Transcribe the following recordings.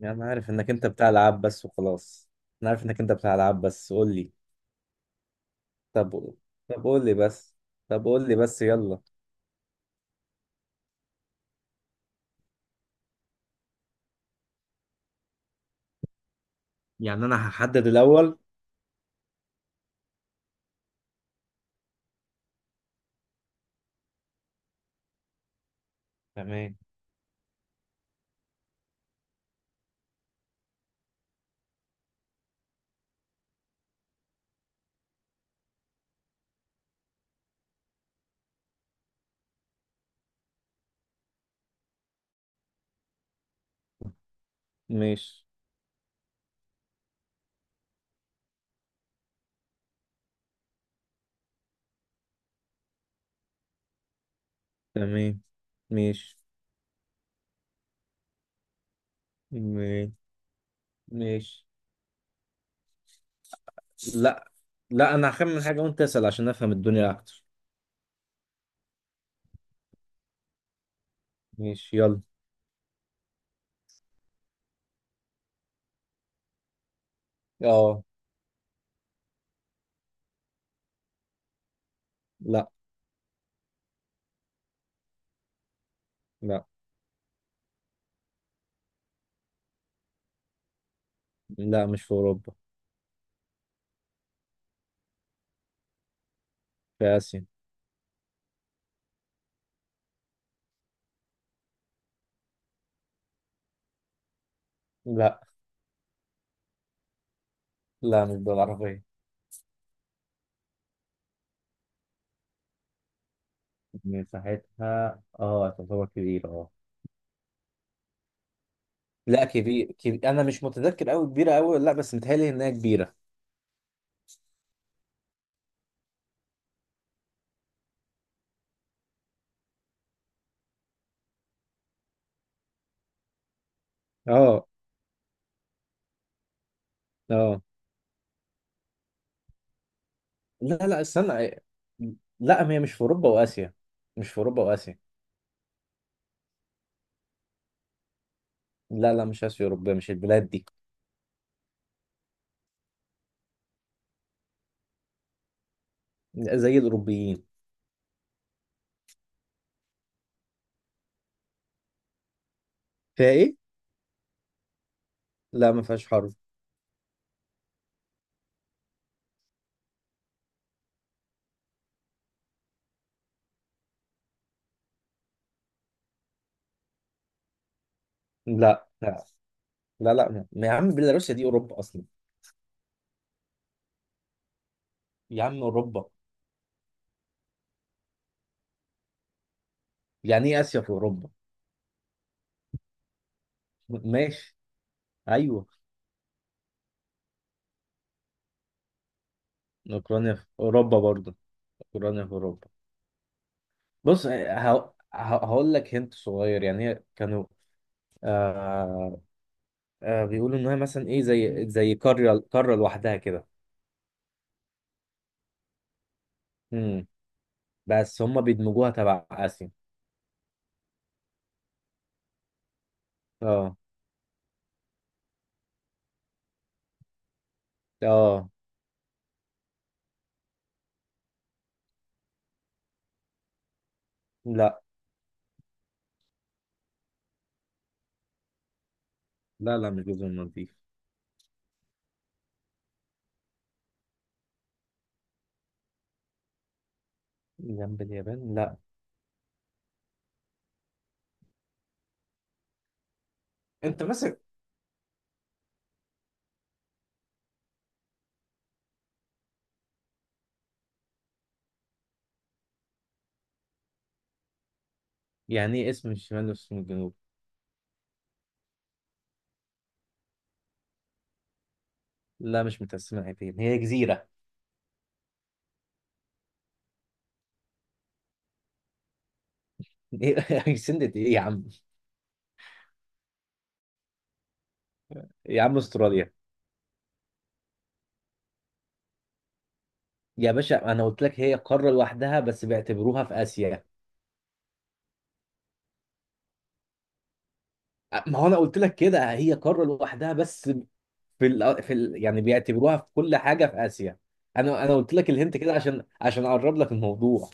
يعني انا عارف انك انت بتاع العاب بس وخلاص. انا عارف انك انت بتاع العاب بس، قول لي. طب. طب قول لي بس. طب قول لي بس يلا. يعني انا هحدد الاول. تمام. ماشي. تمام. ماشي. ماشي. ماشي. لا لا انا هخمن حاجة وانت اسأل عشان افهم الدنيا اكتر. ماشي يلا. اه. لا لا لا مش في اوروبا، في اسيا. لا لا مش دول عربية. مساحتها اه تعتبر كبيرة اه. لا كبير انا مش متذكر قوي كبيره قوي، لا بس متهيألي انها كبيره. اه. اه. لا استنى. لا هي مش في اوروبا واسيا. مش في اوروبا واسيا. لا مش اسيا اوروبيه، مش البلاد دي. زي الاوروبيين. فيها ايه؟ لا ما فيهاش حرب. لا. يا عم بيلاروسيا دي اوروبا اصلا. يا عم اوروبا. يعني ايه اسيا في اوروبا؟ ماشي. ايوه. اوكرانيا في اوروبا برضه. اوكرانيا في اوروبا. بص ه- هقول لك هنت صغير، يعني هي كانوا آه. آه بيقولوا ان هي مثلا ايه زي قاره لوحدها كده. امم. بس هم بيدمجوها تبع اسيا. اه. اه. لا لا مش جزر المالديف. جنب اليابان لا. انت ماسك؟ يعني ايه اسم الشمال واسم الجنوب؟ لا مش متقسمه حتتين، هي جزيره. ايه سندت ايه يا عم؟ يا عم استراليا. يا باشا انا قلت لك هي قاره لوحدها بس بيعتبروها في اسيا. ما هو انا قلت لك كده، هي قاره لوحدها بس. في ال يعني بيعتبروها في كل حاجه في اسيا. انا قلت لك الهنت كده عشان اقرب لك الموضوع.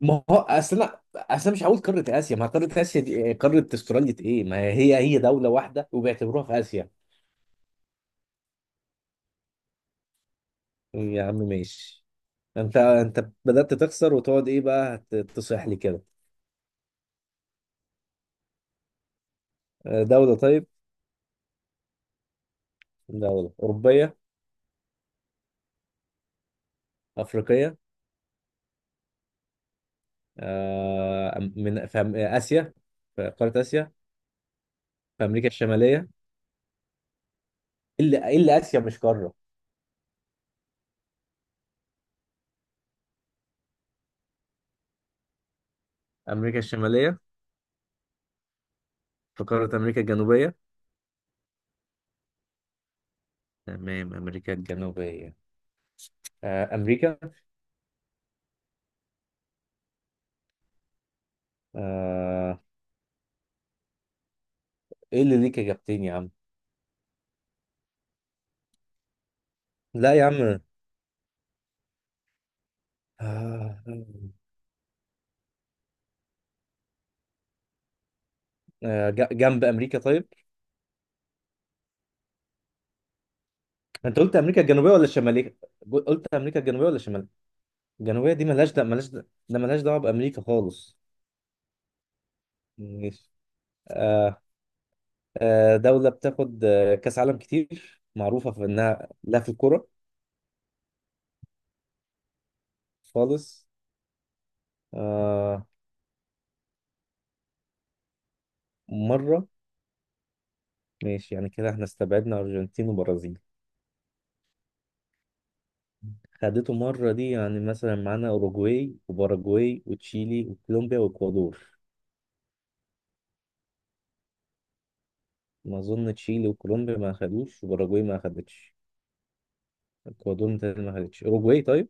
ما هو اصل أنا مش هقول قاره اسيا، ما هي قاره اسيا دي إيه؟ قاره استراليا ايه، ما هي هي دوله واحده وبيعتبروها في اسيا. يا عم ماشي. انت بدات تخسر وتقعد ايه بقى تصيح لي كده؟ آه، دوله طيب. دوله اوروبيه؟ افريقيه؟ آه، من في اسيا؟ في قاره اسيا؟ في امريكا الشماليه؟ إيه اللي اسيا مش قاره؟ امريكا الشماليه؟ في قارة أمريكا الجنوبية. تمام أمريكا الجنوبية. آه أمريكا. آه. إيه اللي ليك إجابتين يا عم؟ لا يا عم. آه. آه، جنب أمريكا طيب. أنت قلت أمريكا الجنوبية ولا الشمالية؟ قلت أمريكا الجنوبية ولا الشمالية؟ الجنوبية دي ملهاش ده، ملهاش دعوة بأمريكا خالص. ماشي. آه. آه دولة بتاخد آه، كأس عالم، كتير معروفة في إنها لا في الكورة. خالص. آه. مرة. ماشي، يعني كده احنا استبعدنا أرجنتين وبرازيل. خدته مرة دي، يعني مثلا معانا أوروجواي وباراجواي وتشيلي وكولومبيا وإكوادور. ما أظن تشيلي وكولومبيا ما أخدوش، وباراجواي ما أخدتش. إكوادور متهيألي ما أخدتش، أوروجواي طيب.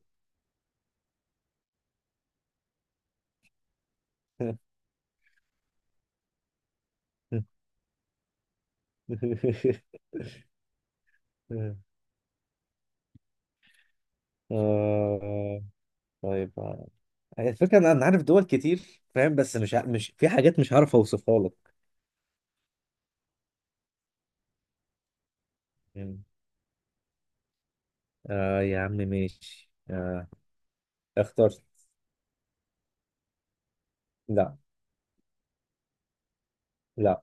آه طيب آه. الفكرة إن أنا عارف دول كتير فاهم، بس مش في حاجات مش عارف أوصفها لك. مم. آه يا عم ماشي. آه. اخترت. لا. لا.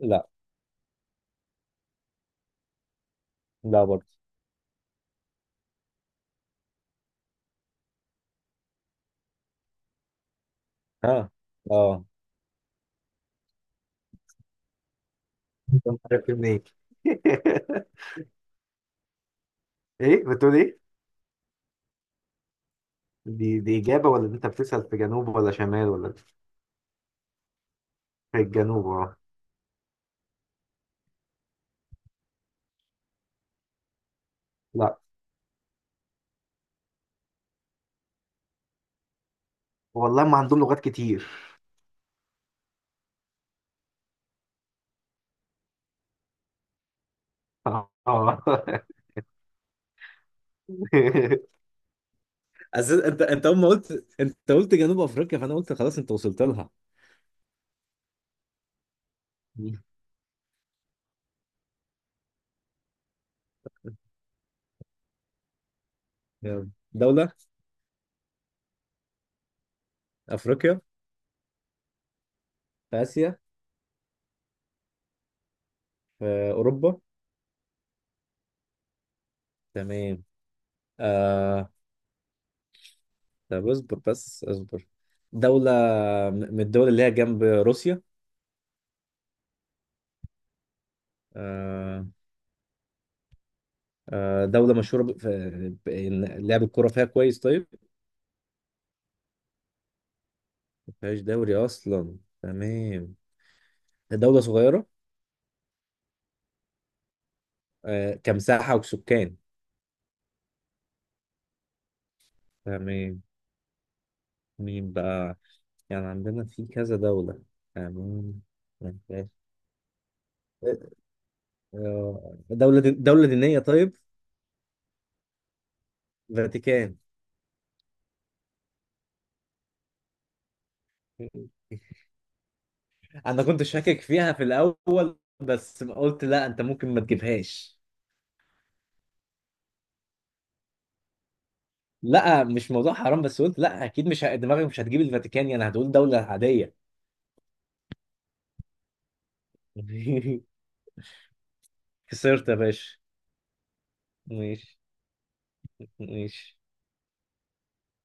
لا. لا برضه. ها. اه. انت عارف منين؟ ايه بتقول؟ دي دي إجابة ولا دي أنت بتسأل في جنوب ولا شمال ولا في؟ الجنوب أه. لا والله ما عندهم لغات كتير. أه أساس انت اول ما قلت، انت قلت جنوب افريقيا، فانا قلت خلاص انت وصلت لها. يلا. دولة. افريقيا؟ في اسيا؟ في اوروبا. تمام. آه طب اصبر بس. دولة من الدول اللي هي جنب روسيا. آه. آه دولة مشهورة إن لعب الكورة فيها كويس طيب. مفيهاش دوري اصلا، تمام. دولة صغيرة. آه كمساحة وسكان. تمام. مين بقى؟ يعني عندنا في كذا دولة. تمام. مفيهاش- آه، دولة دينية طيب. فاتيكان. انا كنت شاكك فيها في الاول بس قلت لا انت ممكن ما تجيبهاش. لا مش موضوع حرام، بس قلت لا اكيد مش ه- دماغي مش هتجيب الفاتيكان، يعني هتقول دولة عادية. خسرت يا باشا. ماشي. ماشي.